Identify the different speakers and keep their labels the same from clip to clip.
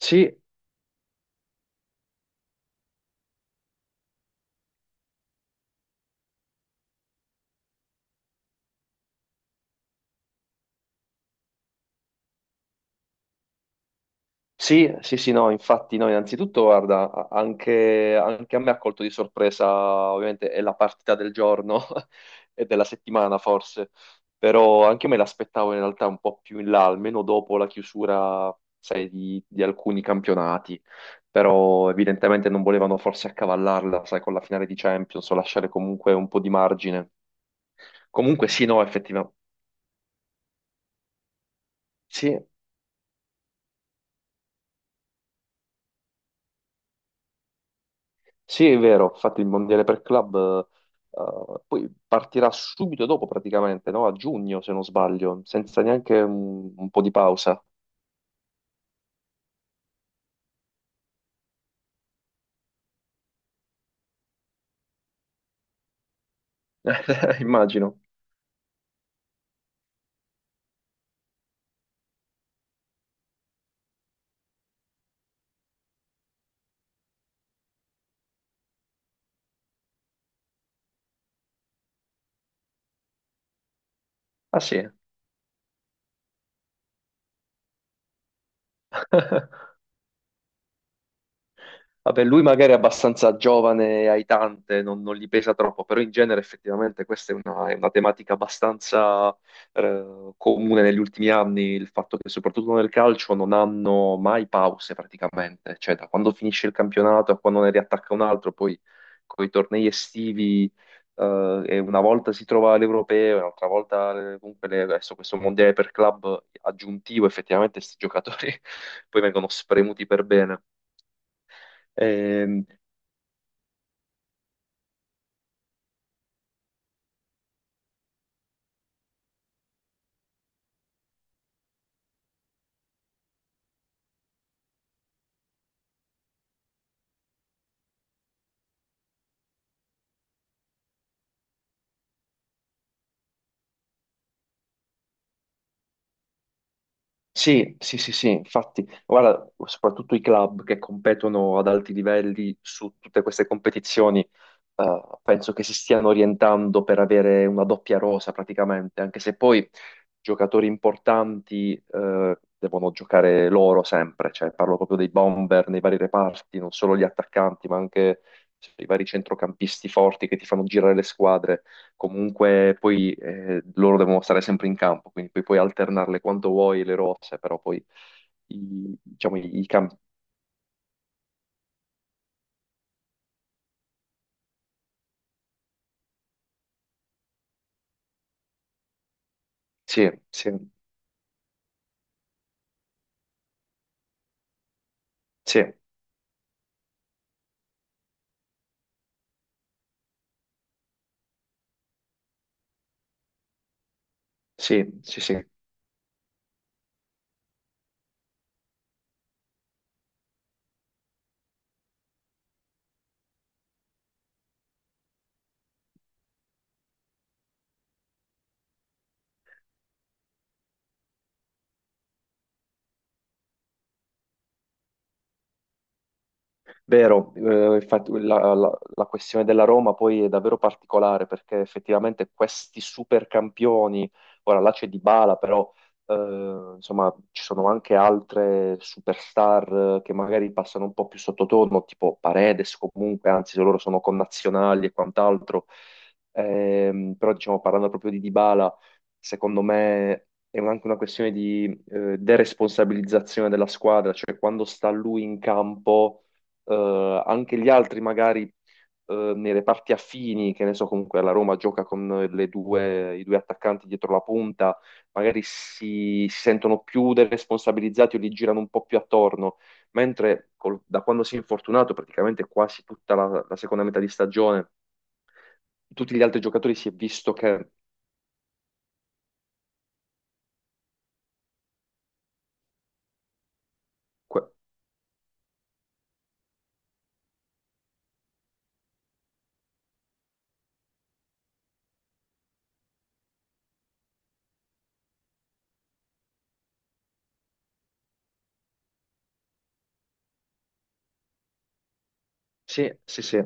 Speaker 1: Sì, sì, sì, sì, no, infatti no, innanzitutto guarda, anche, anche a me ha colto di sorpresa, ovviamente è la partita del giorno e della settimana forse, però anche me l'aspettavo in realtà un po' più in là, almeno dopo la chiusura, sai, di alcuni campionati, però evidentemente non volevano forse accavallarla, sai, con la finale di Champions o lasciare comunque un po' di margine. Comunque sì, no, effettivamente. Sì, è vero, infatti il Mondiale per Club poi partirà subito dopo praticamente, no? A giugno, se non sbaglio, senza neanche un po' di pausa, immagino. Ah sì. Vabbè, lui magari è abbastanza giovane e aitante, non gli pesa troppo, però in genere effettivamente questa è è una tematica abbastanza comune negli ultimi anni, il fatto che soprattutto nel calcio non hanno mai pause praticamente, cioè da quando finisce il campionato a quando ne riattacca un altro, poi con i tornei estivi e una volta si trova l'Europeo, e un'altra volta comunque adesso questo mondiale per club aggiuntivo, effettivamente questi giocatori poi vengono spremuti per bene. Ehm, Sì, sì, sì, sì, infatti, guarda, soprattutto i club che competono ad alti livelli su tutte queste competizioni penso che si stiano orientando per avere una doppia rosa praticamente, anche se poi giocatori importanti devono giocare loro sempre, cioè parlo proprio dei bomber nei vari reparti, non solo gli attaccanti, ma anche sì, i vari centrocampisti forti che ti fanno girare le squadre. Comunque poi loro devono stare sempre in campo, quindi poi puoi alternarle quando vuoi le rose, però poi diciamo i, campi... Sì, sì, sì, sì, sì, sì. Vero, infatti la questione della Roma poi è davvero particolare perché effettivamente questi super campioni, ora là c'è Dybala, però insomma ci sono anche altre superstar che magari passano un po' più sottotono, tipo Paredes comunque, anzi se loro sono connazionali e quant'altro. Però diciamo parlando proprio di Dybala, secondo me è anche una questione di deresponsabilizzazione della squadra, cioè quando sta lui in campo anche gli altri magari nei reparti affini, che ne so, comunque la Roma gioca con le due, i due attaccanti dietro la punta, magari si sentono più deresponsabilizzati o li girano un po' più attorno, mentre da quando si è infortunato praticamente quasi tutta la seconda metà di stagione, tutti gli altri giocatori si è visto che... que- sì, sì, sì.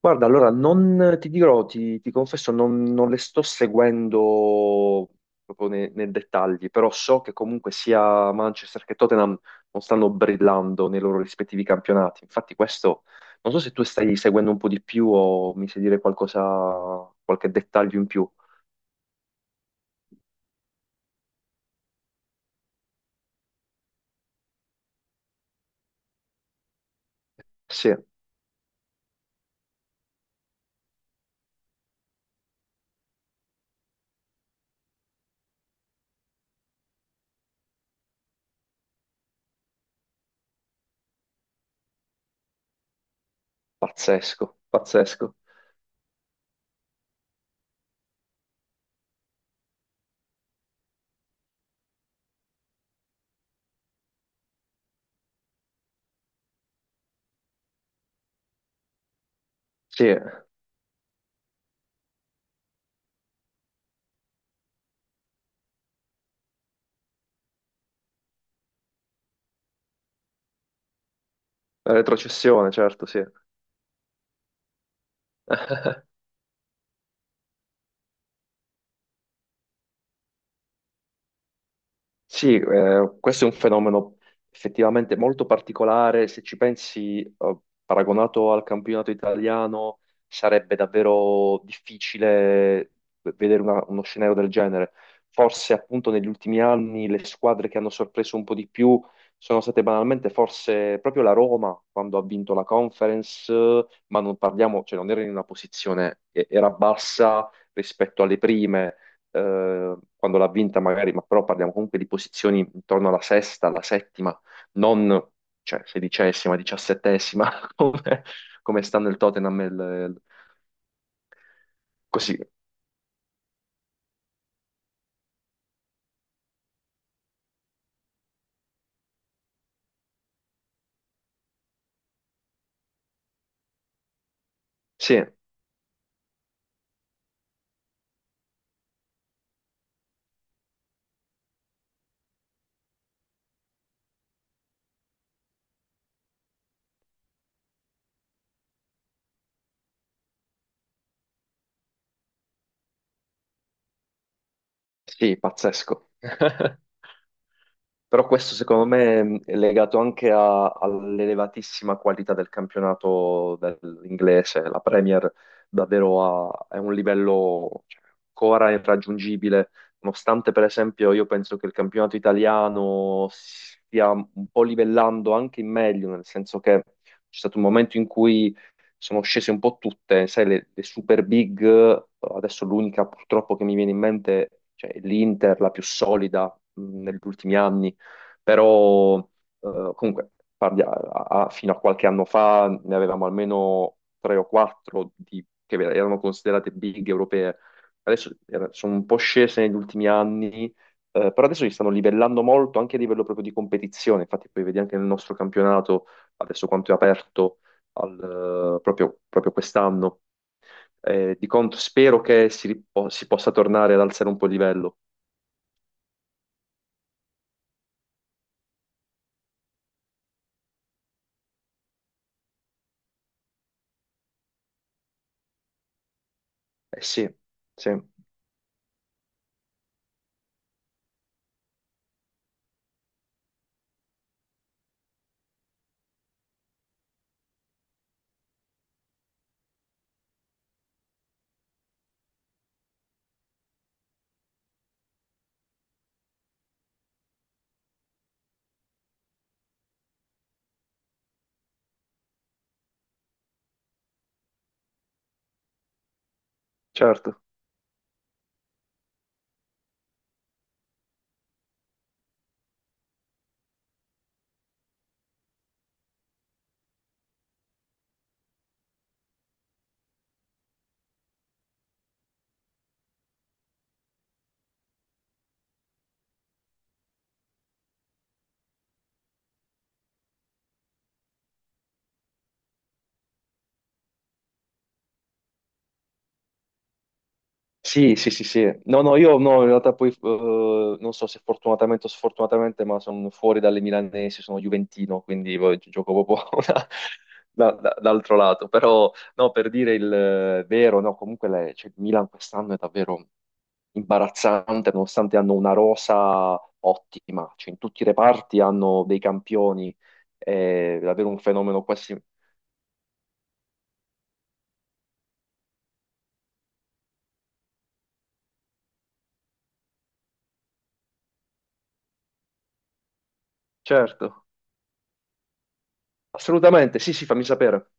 Speaker 1: Guarda, allora non ti dirò, ti confesso, non le sto seguendo proprio nei dettagli, però so che comunque sia Manchester che Tottenham non stanno brillando nei loro rispettivi campionati. Infatti questo, non so se tu stai seguendo un po' di più o mi sai dire qualcosa, qualche dettaglio in più. Sì, pazzesco, pazzesco. Sì, la retrocessione, certo, sì. Sì, questo è un fenomeno effettivamente molto particolare. Se ci pensi, paragonato al campionato italiano, sarebbe davvero difficile vedere uno scenario del genere. Forse appunto negli ultimi anni le squadre che hanno sorpreso un po' di più sono state banalmente forse proprio la Roma quando ha vinto la Conference, ma non parliamo, cioè non era in una posizione, era bassa rispetto alle prime quando l'ha vinta magari, ma però parliamo comunque di posizioni intorno alla sesta, alla settima, non cioè, sedicesima, diciassettesima, come, come stanno il Tottenham e così. Sì, sì, pazzesco. Però questo secondo me è legato anche all'elevatissima qualità del campionato dell'inglese. La Premier davvero ha, è un livello cioè, ancora irraggiungibile, nonostante per esempio io penso che il campionato italiano stia un po' livellando anche in meglio, nel senso che c'è stato un momento in cui sono scese un po' tutte, sai, le super big, adesso l'unica purtroppo che mi viene in mente, cioè l'Inter, la più solida negli ultimi anni però comunque fino a qualche anno fa ne avevamo almeno tre o quattro che erano considerate big europee. Adesso sono un po' scese negli ultimi anni, però adesso si stanno livellando molto anche a livello proprio di competizione. Infatti poi vedi anche nel nostro campionato, adesso quanto è aperto al, proprio, proprio quest'anno. Di contro spero che si possa tornare ad alzare un po' il livello. Eh sì, sì, certo. Sì, sì, sì, sì. No, no, io no, in realtà poi non so se fortunatamente o sfortunatamente, ma sono fuori dalle milanesi, sono juventino, quindi poi gioco proprio dall'altro lato. Però, no, per dire il vero, no, comunque cioè, il Milan quest'anno è davvero imbarazzante, nonostante hanno una rosa ottima, cioè in tutti i reparti hanno dei campioni, è davvero un fenomeno quasi... Certo, assolutamente, sì, sì, fammi sapere.